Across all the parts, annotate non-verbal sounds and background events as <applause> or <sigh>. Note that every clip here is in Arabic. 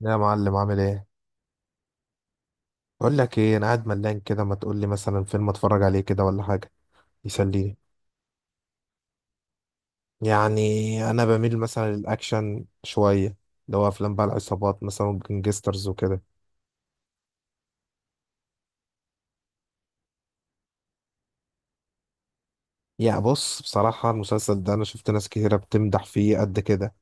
يا معلم، عامل ايه؟ بقول لك ايه، انا قاعد ملان كده، ما تقول لي مثلا فيلم اتفرج عليه كده ولا حاجه يسليني. يعني انا بميل مثلا للاكشن شويه، اللي هو افلام بقى العصابات مثلا جنجسترز وكده. يا بص، بصراحه المسلسل ده انا شفت ناس كتيره بتمدح فيه قد كده،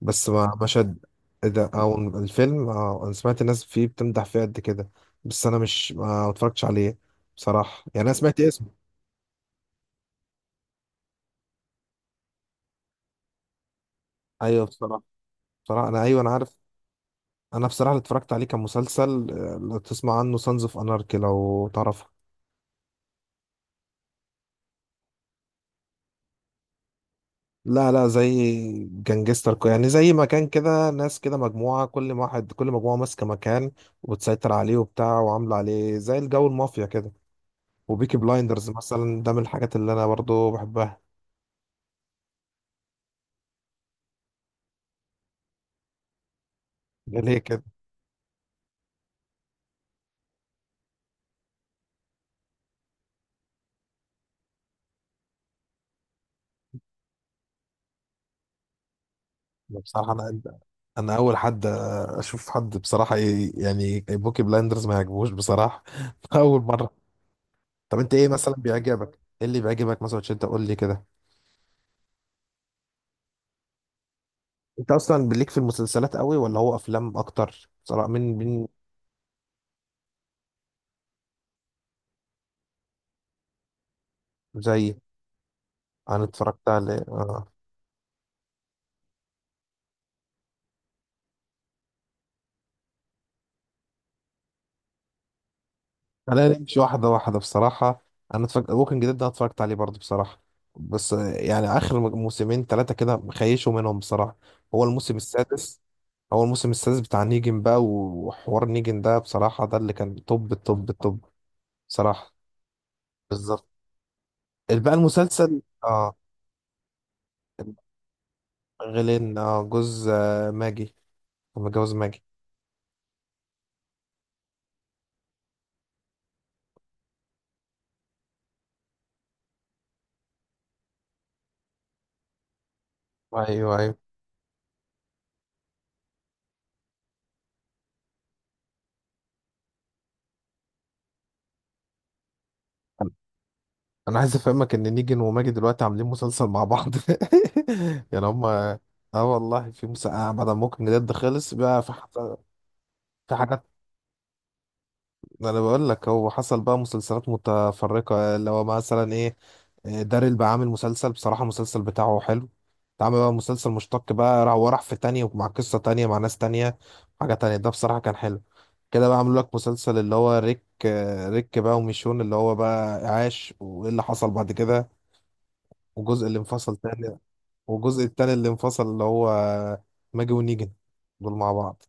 بس ما شد. إيه ده؟ او الفيلم، اه انا سمعت ناس فيه بتمدح فيه قد كده، بس انا مش ما اتفرجتش عليه بصراحه، يعني انا سمعت اسمه. ايوه بصراحه، بصراحه انا ايوه انا عارف. انا بصراحه اللي اتفرجت عليه كان مسلسل لو تسمع عنه سانز اوف اناركي، لو تعرفه. لا لا، زي يعني زي مكان كده، ناس كده مجموعه، كل واحد كل مجموعه ماسكه مكان وبتسيطر عليه وبتاع، وعامله عليه زي الجو المافيا كده. وبيكي بلايندرز مثلا ده من الحاجات اللي انا برضو بحبها. <laughs> ده ليه كده؟ بصراحه انا، انا اول حد اشوف حد بصراحه يعني بوكي بلايندرز ما يعجبوش بصراحه. <laughs> اول مره. طب انت ايه مثلا بيعجبك؟ ايه اللي بيعجبك مثلا؟ عشان انت قول لي كده. انت اصلا بليك في المسلسلات قوي، ولا هو افلام اكتر بصراحه، من زي. انا اتفرجت عليه، اه. انا نمشي واحده واحده بصراحه. انا اتفرجت ووكينج ديد ده، أنا اتفرجت عليه برضه بصراحه، بس يعني اخر موسمين ثلاثه كده مخيشوا منهم بصراحه. هو الموسم السادس، هو الموسم السادس بتاع نيجن بقى، وحوار نيجن ده بصراحه ده اللي كان توب التوب التوب بصراحه. بالظبط. بقى المسلسل، اه. غيلين، اه جوز ماجي. متجوز ماجي. ايوه ايوه. انا عايز افهمك ان نيجن وماجد دلوقتي عاملين مسلسل مع بعض. <laughs> يعني هما، اه والله في مسا... آه بعد ما ممكن جد خلص بقى في ح... في حاجات. انا بقول لك هو حصل بقى مسلسلات متفرقة، اللي هو مثلا ايه، داريل بقى عامل مسلسل، بصراحة المسلسل بتاعه حلو. اتعمل بقى مسلسل مشتق بقى، راح وراح في تانية ومع قصة تانية مع ناس تانية، حاجة تانية، ده بصراحة كان حلو كده. بقى عملوا لك مسلسل اللي هو ريك ريك بقى وميشون، اللي هو بقى عاش وايه اللي حصل بعد كده، والجزء اللي انفصل تاني. والجزء التاني اللي انفصل اللي هو ماجي ونيجن، دول مع بعض.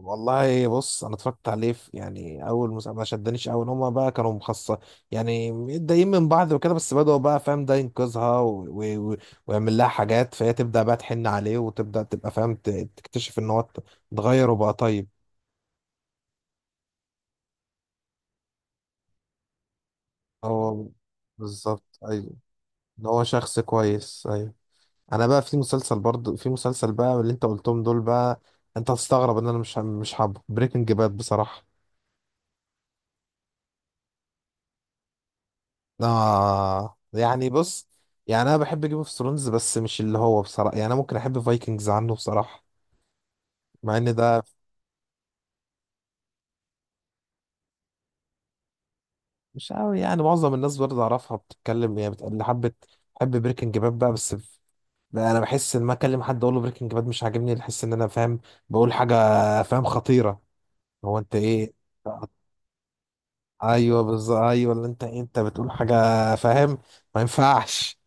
والله بص، انا اتفرجت عليه في يعني اول مسلسل ما شدنيش، اول هما بقى كانوا مخصص، يعني متضايقين من بعض وكده، بس بدأوا بقى فاهم، ده ينقذها و... و... و... ويعمل لها حاجات، فهي تبدأ بقى تحن عليه، وتبدأ تبقى فاهم ت... تكتشف ان هو اتغير وبقى طيب. هو بالظبط ايوه، ان هو شخص كويس ايوه. انا بقى في مسلسل برضه، في مسلسل بقى اللي انت قلتهم دول بقى، انت هتستغرب ان انا مش حابه بريكنج باد بصراحه. آه يعني بص، يعني انا بحب جيم اوف ثرونز بس مش اللي هو بصراحه، يعني انا ممكن احب فايكنجز عنه بصراحه، مع ان ده مش قوي، يعني معظم الناس برضه اعرفها بتتكلم، اللي حبت حب بريكنج باد بقى، بس ف-، بقى انا بحس ان ما اكلم حد اقول له بريكنج باد مش عاجبني، بحس ان انا فاهم بقول حاجه، فاهم خطيره. هو انت ايه؟ ايوه بالظبط ايوه، اللي انت بتقول حاجه فاهم، ما ينفعش.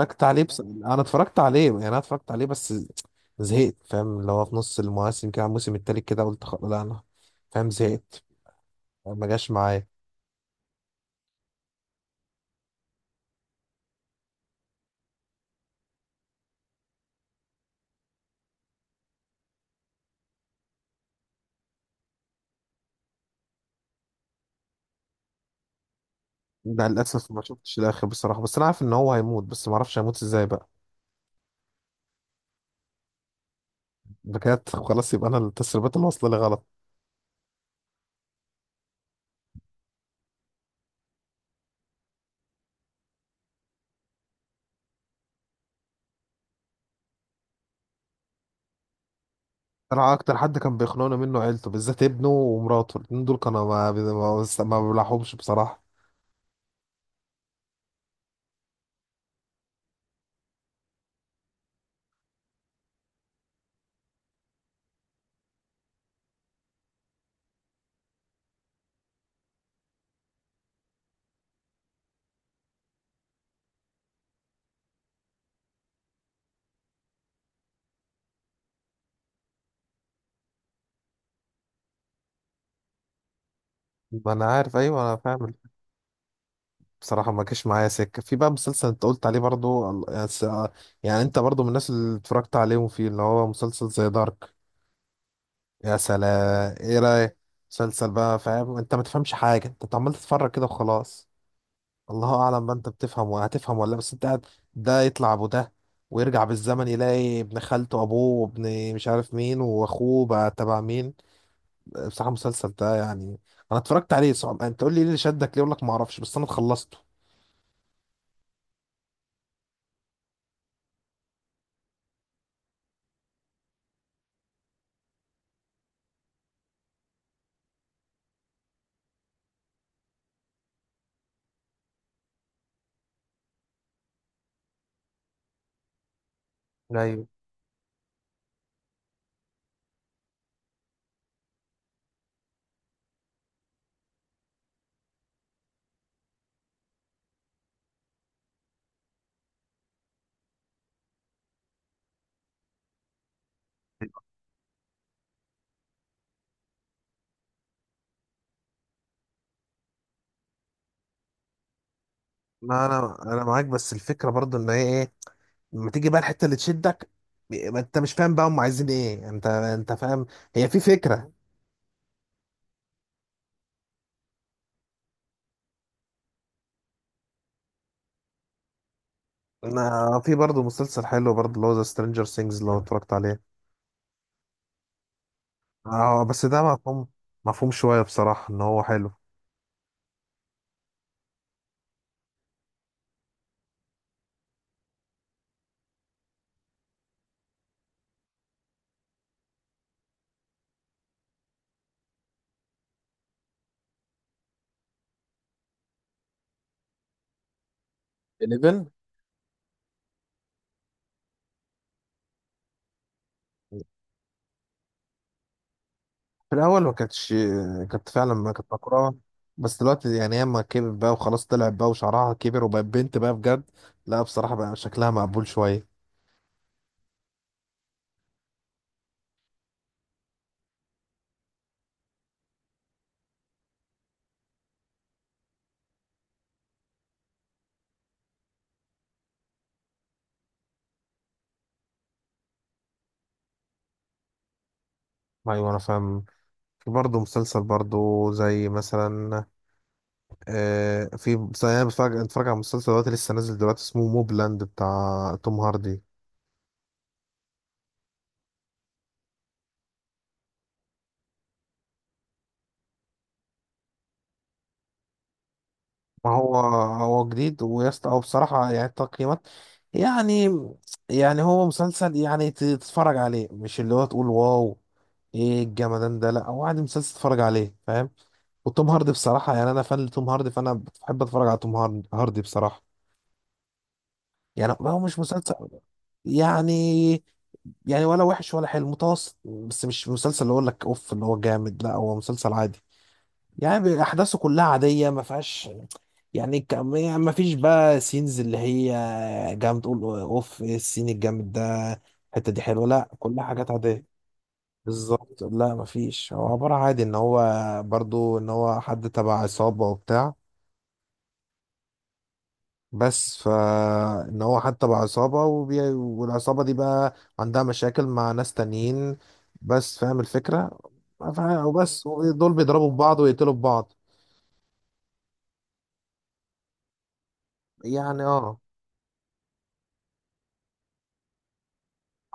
اتفرجت عليه، بس انا اتفرجت عليه، يعني انا اتفرجت عليه بس زهقت فاهم، اللي هو في نص المواسم كده على الموسم التالت كده قلت خلاص، لا انا فاهم زهقت، ما جاش معايا. ده للاسف ما شفتش الاخر بصراحه، بس انا عارف ان هو هيموت، بس ما اعرفش هيموت ازاي بقى. بجد؟ خلاص، يبقى انا التسريبات اللي واصله لي غلط. انا اكتر حد كان بيخنقني منه عيلته، بالذات ابنه ومراته، الاتنين دول كانوا، ما ما بلاحظهمش بصراحه. ما انا عارف، ايوه انا فاهم. بصراحة ما جاش معايا سكة. في بقى مسلسل انت قلت عليه برضو يعني انت برضو من الناس اللي اتفرجت عليهم فيه، اللي هو مسلسل زي دارك، يا سلام، ايه رأيك؟ مسلسل بقى فاهم، انت ما تفهمش حاجة، انت عمال تتفرج كده وخلاص. الله اعلم بقى، انت بتفهم وهتفهم ولا لا، بس انت قاعد. ده يطلع ابو ده، ويرجع بالزمن يلاقي ابن خالته ابوه، وابن مش عارف مين، واخوه بقى تبع مين. بصراحة المسلسل ده يعني، انا اتفرجت عليه، صعب انت تقول لي ايه اللي شدك ليه، اقول لك ما اعرفش، بس انا خلصته. ما انا انا معاك، بس الفكره برضو ان هي ايه، لما تيجي بقى الحته اللي تشدك، ما انت مش فاهم بقى هم عايزين ايه، انت انت فاهم، هي في فكره. انا في برضو مسلسل حلو برضو، اللي هو ذا سترينجر سينجز، لو اتفرجت عليه. اه بس ده مفهوم، مفهوم شويه بصراحه ان هو حلو. 11. في الاول ما كانتش، كانت فعلا ما كانت مكرهه، بس دلوقتي يعني ياما كبر بقى وخلاص، طلعت بقى وشعرها كبر، وبقت بنت بقى بجد. لا بصراحه بقى شكلها مقبول شويه. ايوه انا فاهم. برضه مسلسل برضه زي مثلا، آه في زي، انا بتفرج اتفرج على مسلسل دلوقتي لسه نازل دلوقتي، اسمه موبلاند بتاع توم هاردي. ما هو، هو جديد ويست او بصراحة، يعني التقييمات، يعني، يعني هو مسلسل، يعني تتفرج عليه، مش اللي هو تقول واو ايه الجمدان ده، لا هو عادي مسلسل تتفرج عليه فاهم. وتوم هاردي بصراحة، يعني انا فان لتوم هاردي، فانا بحب اتفرج على توم هاردي هاردي بصراحة. يعني هو مش مسلسل، يعني، يعني ولا وحش ولا حلو، متوسط، بس مش مسلسل اللي اقول لك اوف اللي هو جامد، لا هو مسلسل عادي، يعني احداثه كلها عاديه ما فيهاش، يعني ما فيش بقى سينز اللي هي جامد تقول اوف إيه السين الجامد ده، الحته دي حلوه، لا كلها حاجات عاديه. بالظبط، لا ما فيش، هو عباره عادي، ان هو برضو ان هو حد تبع عصابه وبتاع، بس فإن هو حتى بقى عصابة وبي... والعصابة دي بقى عندها مشاكل مع ناس تانيين، بس فاهم الفكرة، ف-، وبس، دول بيضربوا في بعض ويقتلوا في بعض. يعني اه،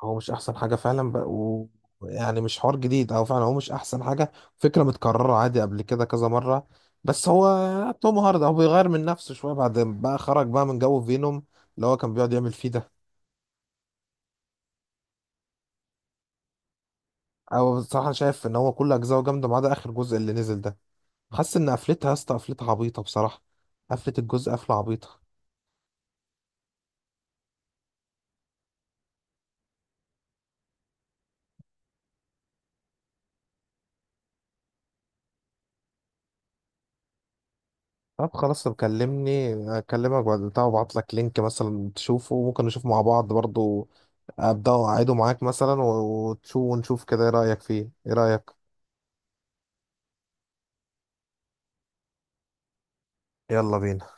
هو مش أحسن حاجة فعلا بقى و... يعني مش حوار جديد، أو فعلا هو مش أحسن حاجة، فكرة متكررة عادي قبل كده كذا مرة، بس هو توم هاردي هو بيغير من نفسه شوية، بعد ما بقى خرج بقى من جو فينوم اللي هو كان بيقعد يعمل فيه ده. أو بصراحة شايف إن هو كل أجزاءه جامدة، ما عدا آخر جزء اللي نزل ده. حاسس ان قفلتها يا اسطى، قفلتها عبيطه بصراحه، قفلت الجزء قفله عبيطه. طب خلاص، طب كلمني اكلمك بعد بتاع، وابعت لك لينك مثلا تشوفه، وممكن نشوف مع بعض برضو، ابدا اعيده معاك مثلا، وتشوف ونشوف كده، ايه رايك فيه؟ ايه رايك؟ يلا بينا.